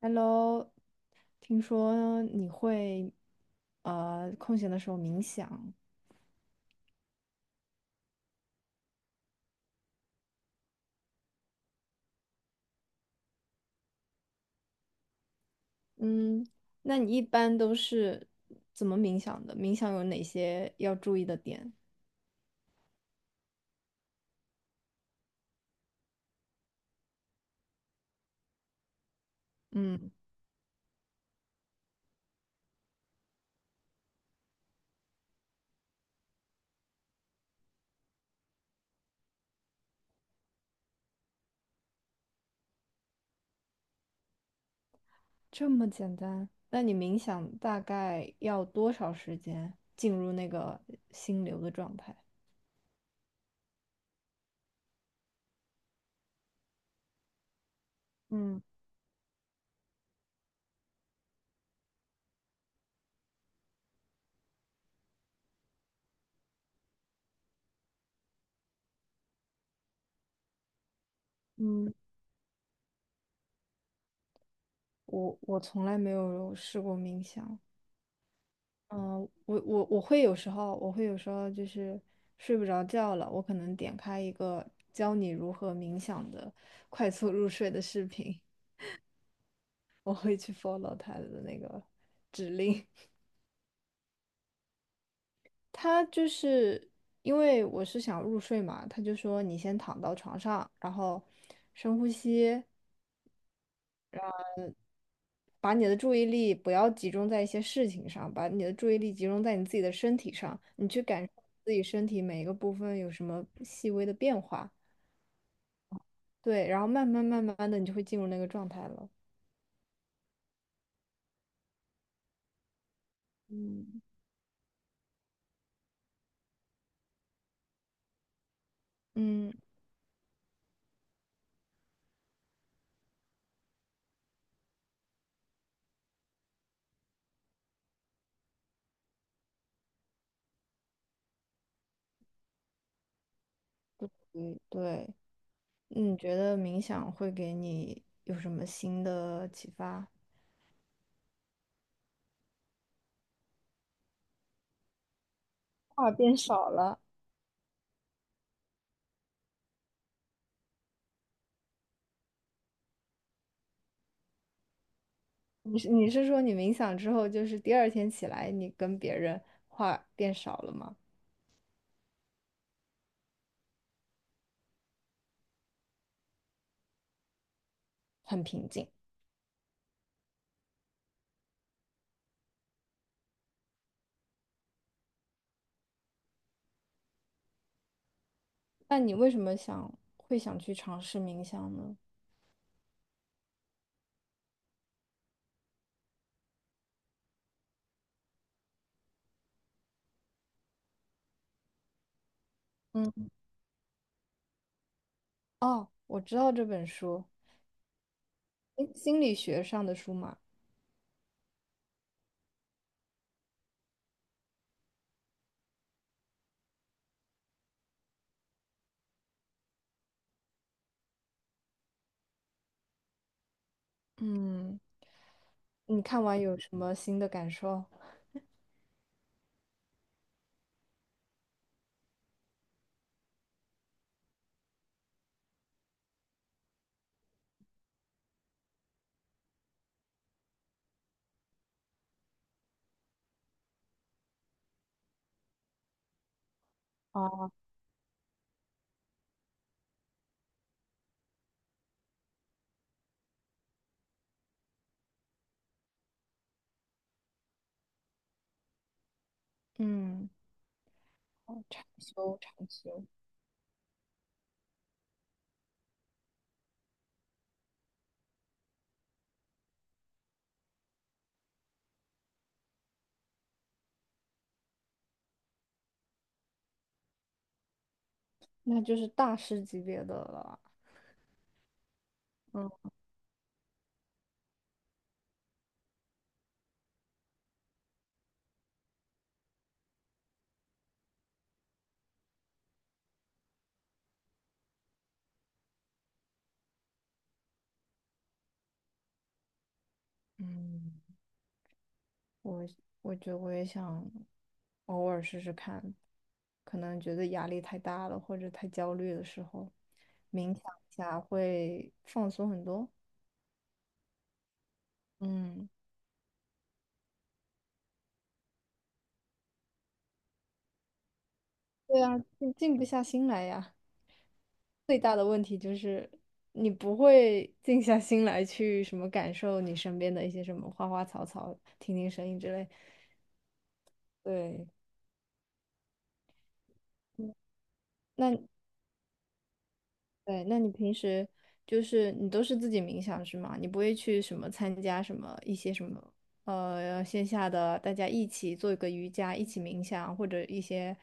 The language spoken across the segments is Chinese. Hello，听说你会空闲的时候冥想。嗯。那你一般都是怎么冥想的？冥想有哪些要注意的点？嗯，这么简单？那你冥想大概要多少时间进入那个心流的状态？嗯嗯。我从来没有试过冥想。嗯。我会有时候，我会有时候就是睡不着觉了，我可能点开一个教你如何冥想的快速入睡的视频，我会去 follow 他的那个指令。他就是因为我是想入睡嘛，他就说你先躺到床上，然后深呼吸，把你的注意力不要集中在一些事情上，把你的注意力集中在你自己的身体上，你去感受自己身体每一个部分有什么细微的变化。对，然后慢慢慢慢的你就会进入那个状态了。嗯。嗯。嗯，对。你觉得冥想会给你有什么新的启发？话变少了？你是说你冥想之后，就是第二天起来，你跟别人话变少了吗？很平静。那你为什么会想去尝试冥想呢？嗯。哦，我知道这本书。诶，心理学上的书嘛。嗯。你看完有什么新的感受？哦。嗯。哦，长修长修。那就是大师级别的了。嗯。嗯。我我觉得我也想偶尔试试看，可能觉得压力太大了或者太焦虑的时候，冥想一下会放松很多。嗯。对啊，静静不下心来呀。最大的问题就是你不会静下心来去什么感受你身边的一些什么花花草草、听听声音之类。对。嗯。那对，那你平时就是你都是自己冥想是吗？你不会去什么参加什么一些什么线下的，大家一起做一个瑜伽，一起冥想，或者一些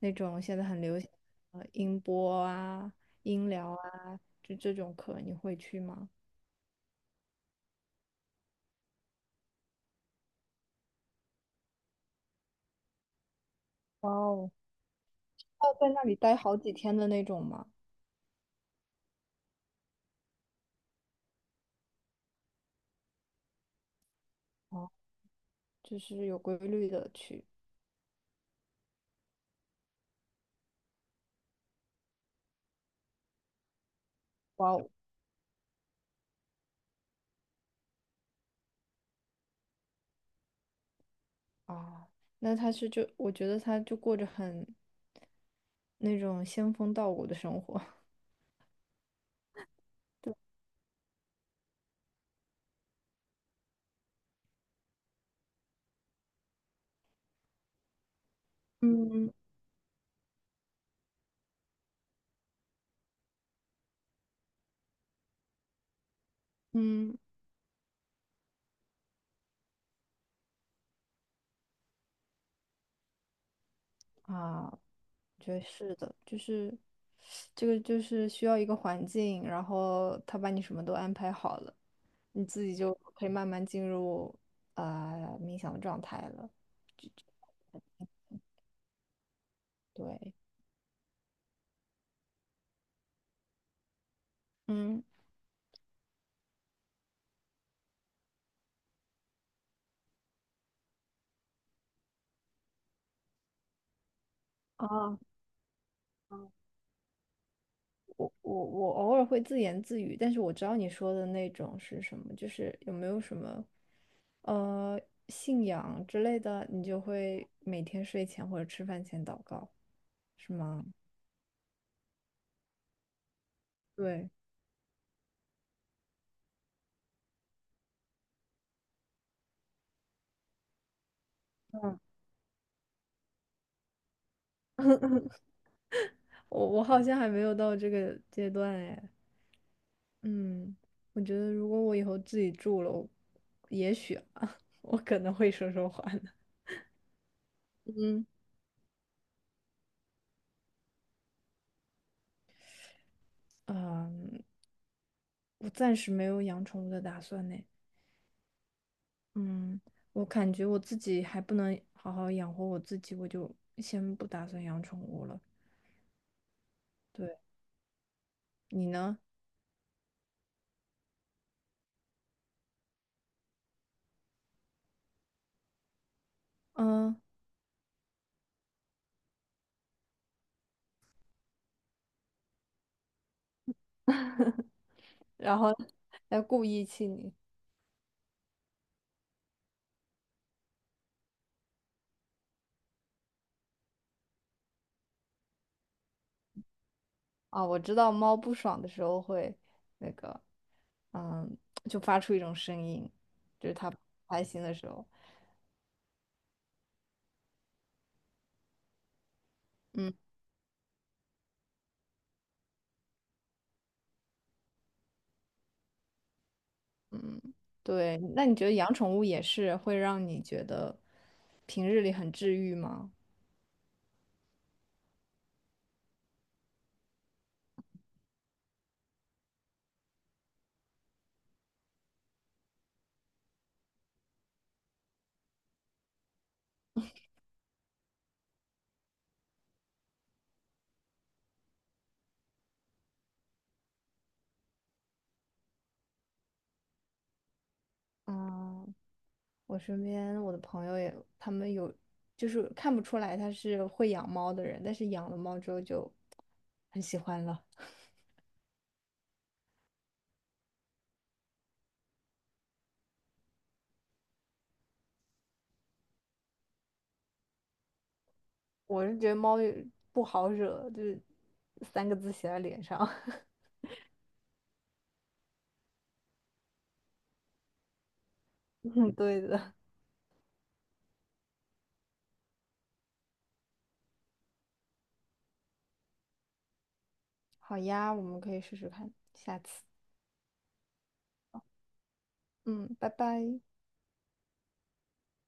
那种现在很流行音波啊、音疗啊，就这种课你会去吗？哇哦，要在那里待好几天的那种吗？哦，就是有规律的去。哇哦。啊，那他是就我觉得他就过着很那种仙风道骨的生活。嗯。嗯。啊，我觉得是的，就是这个就是需要一个环境，然后他把你什么都安排好了，你自己就可以慢慢进入啊、冥想的状态了。对。嗯。啊，我偶尔会自言自语，但是我知道你说的那种是什么，就是有没有什么呃信仰之类的，你就会每天睡前或者吃饭前祷告，是吗？对。嗯。我我好像还没有到这个阶段哎。嗯。我觉得如果我以后自己住了，我也许啊，我可能会说说话呢。嗯。嗯，我暂时没有养宠物的打算呢。嗯。我感觉我自己还不能好好养活我自己，我就先不打算养宠物了。对，你呢？嗯。然后要故意气你。啊！我知道猫不爽的时候会那个，嗯，就发出一种声音，就是它不开心的时候。嗯，对。那你觉得养宠物也是会让你觉得平日里很治愈吗？嗯。我身边我的朋友也，他们有就是看不出来他是会养猫的人，但是养了猫之后就很喜欢了。我是觉得猫也不好惹，就是三个字写在脸上。嗯，对的。好呀，我们可以试试看，下次。嗯，拜拜。